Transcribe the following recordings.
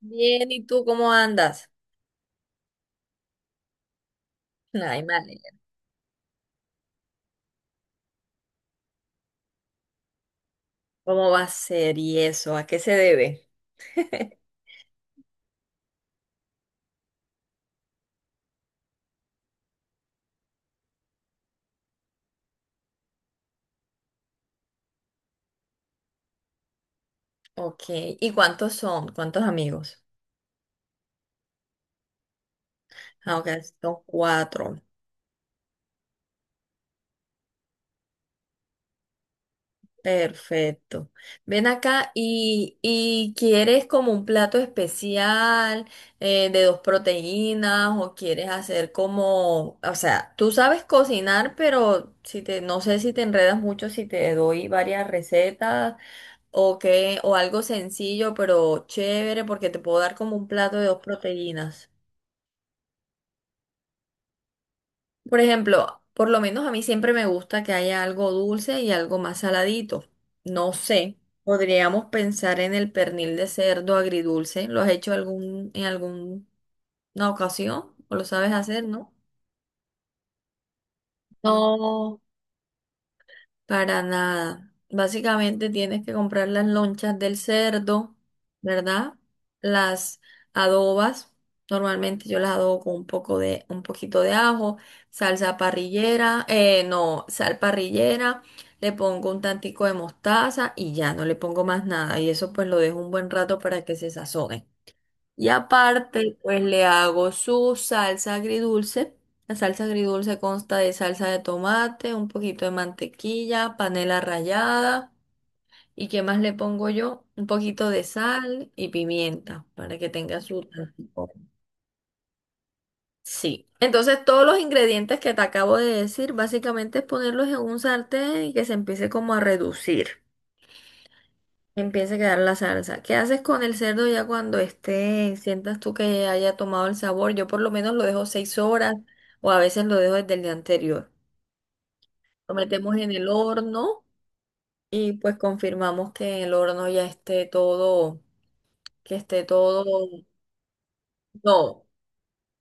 Bien, ¿y tú cómo andas? Ay, madre, ¿cómo va a ser y eso? ¿A qué se debe? Ok, ¿y cuántos son? ¿Cuántos amigos? Ah, ok, son cuatro. Perfecto. Ven acá y ¿quieres como un plato especial de dos proteínas o quieres hacer como, o sea, tú sabes cocinar, pero si te, no sé si te enredas mucho si te doy varias recetas, o que, o algo sencillo, pero chévere, porque te puedo dar como un plato de dos proteínas. Por ejemplo, por lo menos a mí siempre me gusta que haya algo dulce y algo más saladito. No sé, podríamos pensar en el pernil de cerdo agridulce. ¿Lo has hecho algún, en alguna ocasión? ¿O lo sabes hacer, no? No, para nada. Básicamente tienes que comprar las lonchas del cerdo, ¿verdad? Las adobas. Normalmente yo las adobo con un poco de, un poquito de ajo, salsa parrillera, no, sal parrillera, le pongo un tantico de mostaza y ya no le pongo más nada. Y eso pues lo dejo un buen rato para que se sazone. Y aparte, pues le hago su salsa agridulce. La salsa agridulce consta de salsa de tomate, un poquito de mantequilla, panela rallada. ¿Y qué más le pongo yo? Un poquito de sal y pimienta para que tenga su sabor. Sí. Entonces, todos los ingredientes que te acabo de decir, básicamente es ponerlos en un sartén y que se empiece como a reducir. Empieza a quedar la salsa. ¿Qué haces con el cerdo ya cuando esté, sientas tú que haya tomado el sabor? Yo por lo menos lo dejo seis horas o a veces lo dejo desde el día anterior. Lo metemos en el horno y pues confirmamos que en el horno ya esté todo, que esté todo. No,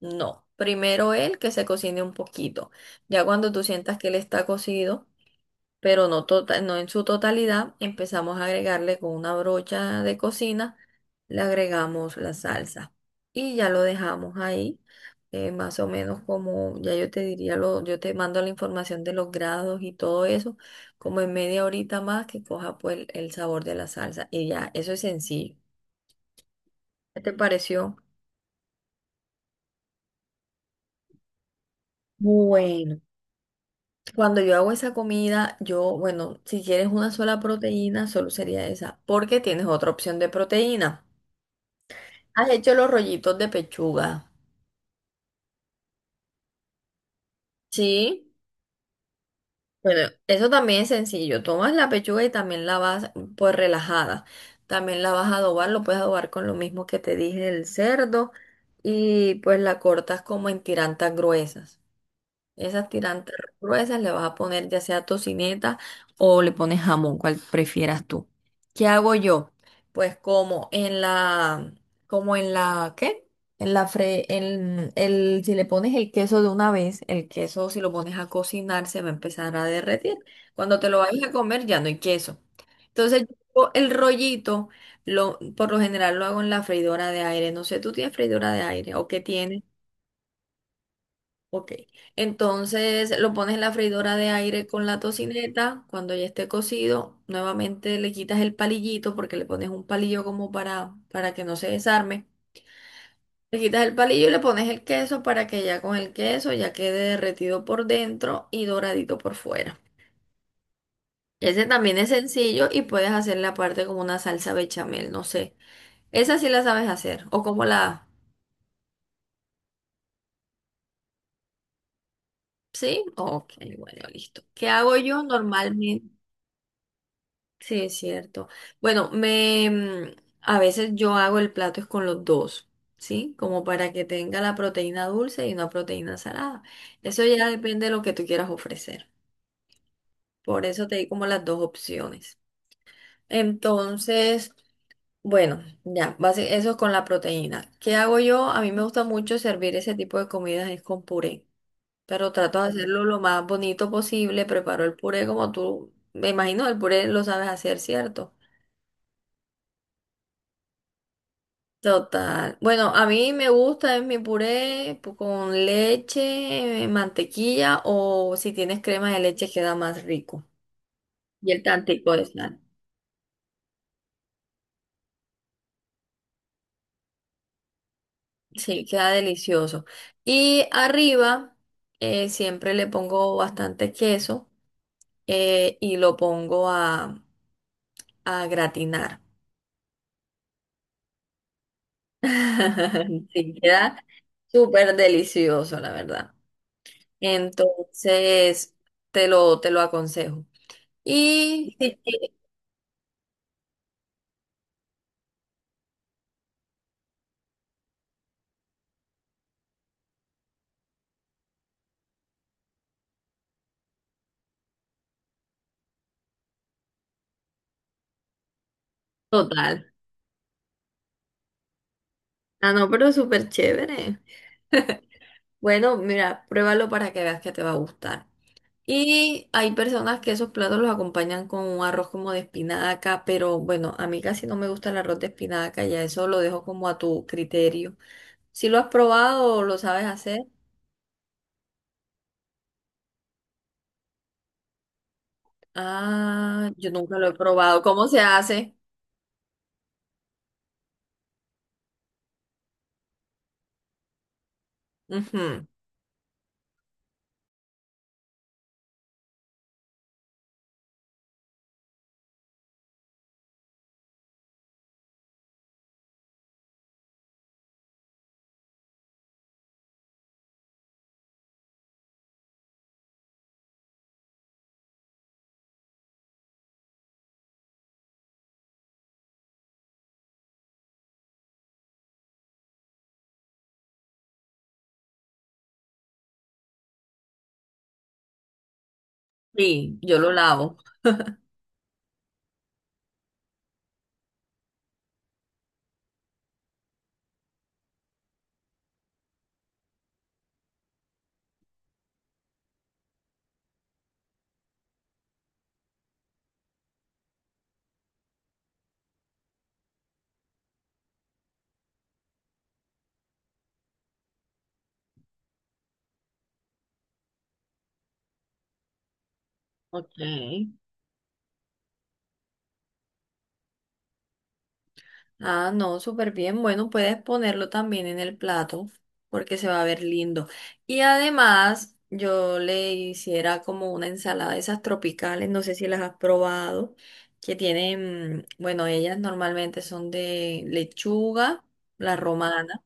no. Primero él que se cocine un poquito. Ya cuando tú sientas que él está cocido, pero no, no en su totalidad. Empezamos a agregarle con una brocha de cocina, le agregamos la salsa y ya lo dejamos ahí, más o menos como, ya yo te diría, lo, yo te mando la información de los grados y todo eso, como en media horita más que coja pues el sabor de la salsa y ya, eso es sencillo. ¿Qué te pareció? Bueno, cuando yo hago esa comida, yo, bueno, si quieres una sola proteína, solo sería esa, porque tienes otra opción de proteína. Has hecho los rollitos de pechuga. Sí, bueno, eso también es sencillo. Tomas la pechuga y también la vas, pues relajada. También la vas a adobar, lo puedes adobar con lo mismo que te dije del cerdo y pues la cortas como en tirantas gruesas. Esas tirantes gruesas le vas a poner ya sea tocineta o le pones jamón, cual prefieras tú. ¿Qué hago yo? Pues ¿qué? En el, si le pones el queso de una vez, el queso si lo pones a cocinar se va a empezar a derretir. Cuando te lo vayas a comer ya no hay queso. Entonces yo el rollito, lo, por lo general lo hago en la freidora de aire. No sé, ¿tú tienes freidora de aire o qué tienes? Ok, entonces lo pones en la freidora de aire con la tocineta, cuando ya esté cocido, nuevamente le quitas el palillito porque le pones un palillo como para que no se desarme. Le quitas el palillo y le pones el queso para que ya con el queso ya quede derretido por dentro y doradito por fuera. Ese también es sencillo y puedes hacerle aparte como una salsa bechamel, no sé. Esa sí la sabes hacer o como la... ¿Sí? Ok, bueno, listo. ¿Qué hago yo normalmente? Sí, es cierto. Bueno, a veces yo hago el plato es con los dos, ¿sí? Como para que tenga la proteína dulce y una proteína salada. Eso ya depende de lo que tú quieras ofrecer. Por eso te di como las dos opciones. Entonces, bueno, ya, eso es con la proteína. ¿Qué hago yo? A mí me gusta mucho servir ese tipo de comidas es con puré, pero trato de hacerlo lo más bonito posible. Preparo el puré como tú, me imagino, el puré lo sabes hacer, ¿cierto? Total. Bueno, a mí me gusta es mi con leche, mantequilla o si tienes crema de leche queda más rico. Y el tantico de sal. Sí, queda delicioso. Y arriba siempre le pongo bastante queso, y lo pongo a gratinar. Sí, queda súper delicioso, la verdad. Entonces, te lo aconsejo. Y sí, sí, total. Ah, no, pero súper chévere. Bueno, mira, pruébalo para que veas que te va a gustar. Y hay personas que esos platos los acompañan con un arroz como de espinaca, pero bueno, a mí casi no me gusta el arroz de espinaca, ya eso lo dejo como a tu criterio. Si lo has probado o lo sabes hacer, ah, yo nunca lo he probado. ¿Cómo se hace? Ujú. Sí, yo lo lavo. Ok. Ah, no, súper bien. Bueno, puedes ponerlo también en el plato porque se va a ver lindo. Y además, yo le hiciera como una ensalada de esas tropicales, no sé si las has probado, que tienen, mm, bueno, ellas normalmente son de lechuga, la romana,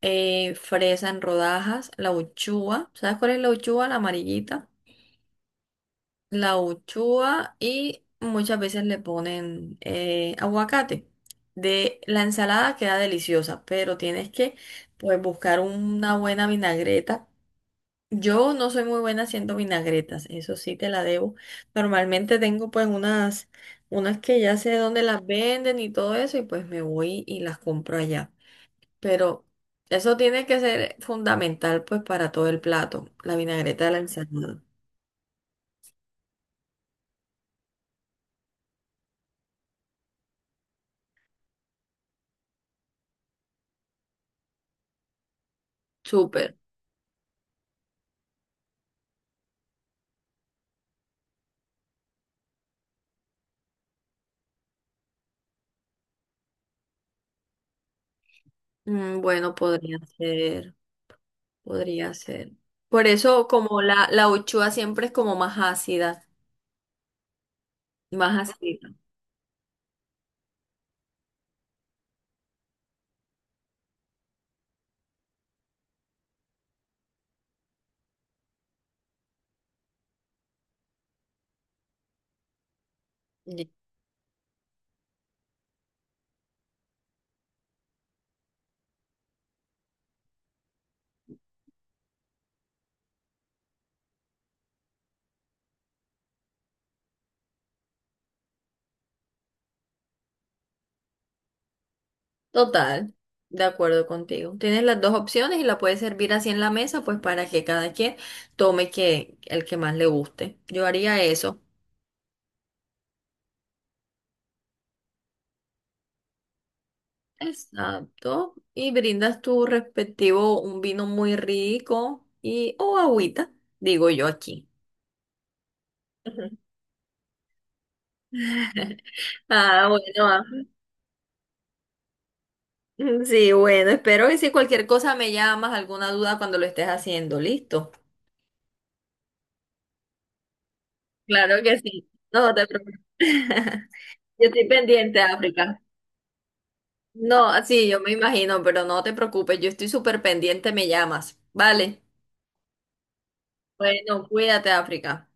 fresa en rodajas, la uchúa. ¿Sabes cuál es la uchúa? La amarillita, la uchuva, y muchas veces le ponen aguacate. De la ensalada queda deliciosa, pero tienes que pues buscar una buena vinagreta. Yo no soy muy buena haciendo vinagretas, eso sí te la debo. Normalmente tengo pues unas, unas que ya sé dónde las venden y todo eso, y pues me voy y las compro allá. Pero eso tiene que ser fundamental pues para todo el plato, la vinagreta de la ensalada. Súper. Mm, bueno, podría ser, podría ser. Por eso la uchuva siempre es como más ácida, más ácida. Ye- total, de acuerdo contigo. Tienes las dos opciones y la puedes servir así en la mesa, pues para que cada quien tome que, el que más le guste. Yo haría eso. Exacto. Y brindas tu respectivo un vino muy rico y o agüita, digo yo aquí. Ah, bueno. Ah. Sí, bueno, espero que si cualquier cosa me llamas, alguna duda cuando lo estés haciendo, listo. Claro que sí. No te preocupes. Yo estoy pendiente, África. No, sí, yo me imagino, pero no te preocupes, yo estoy súper pendiente, me llamas. Vale. Bueno, cuídate, África.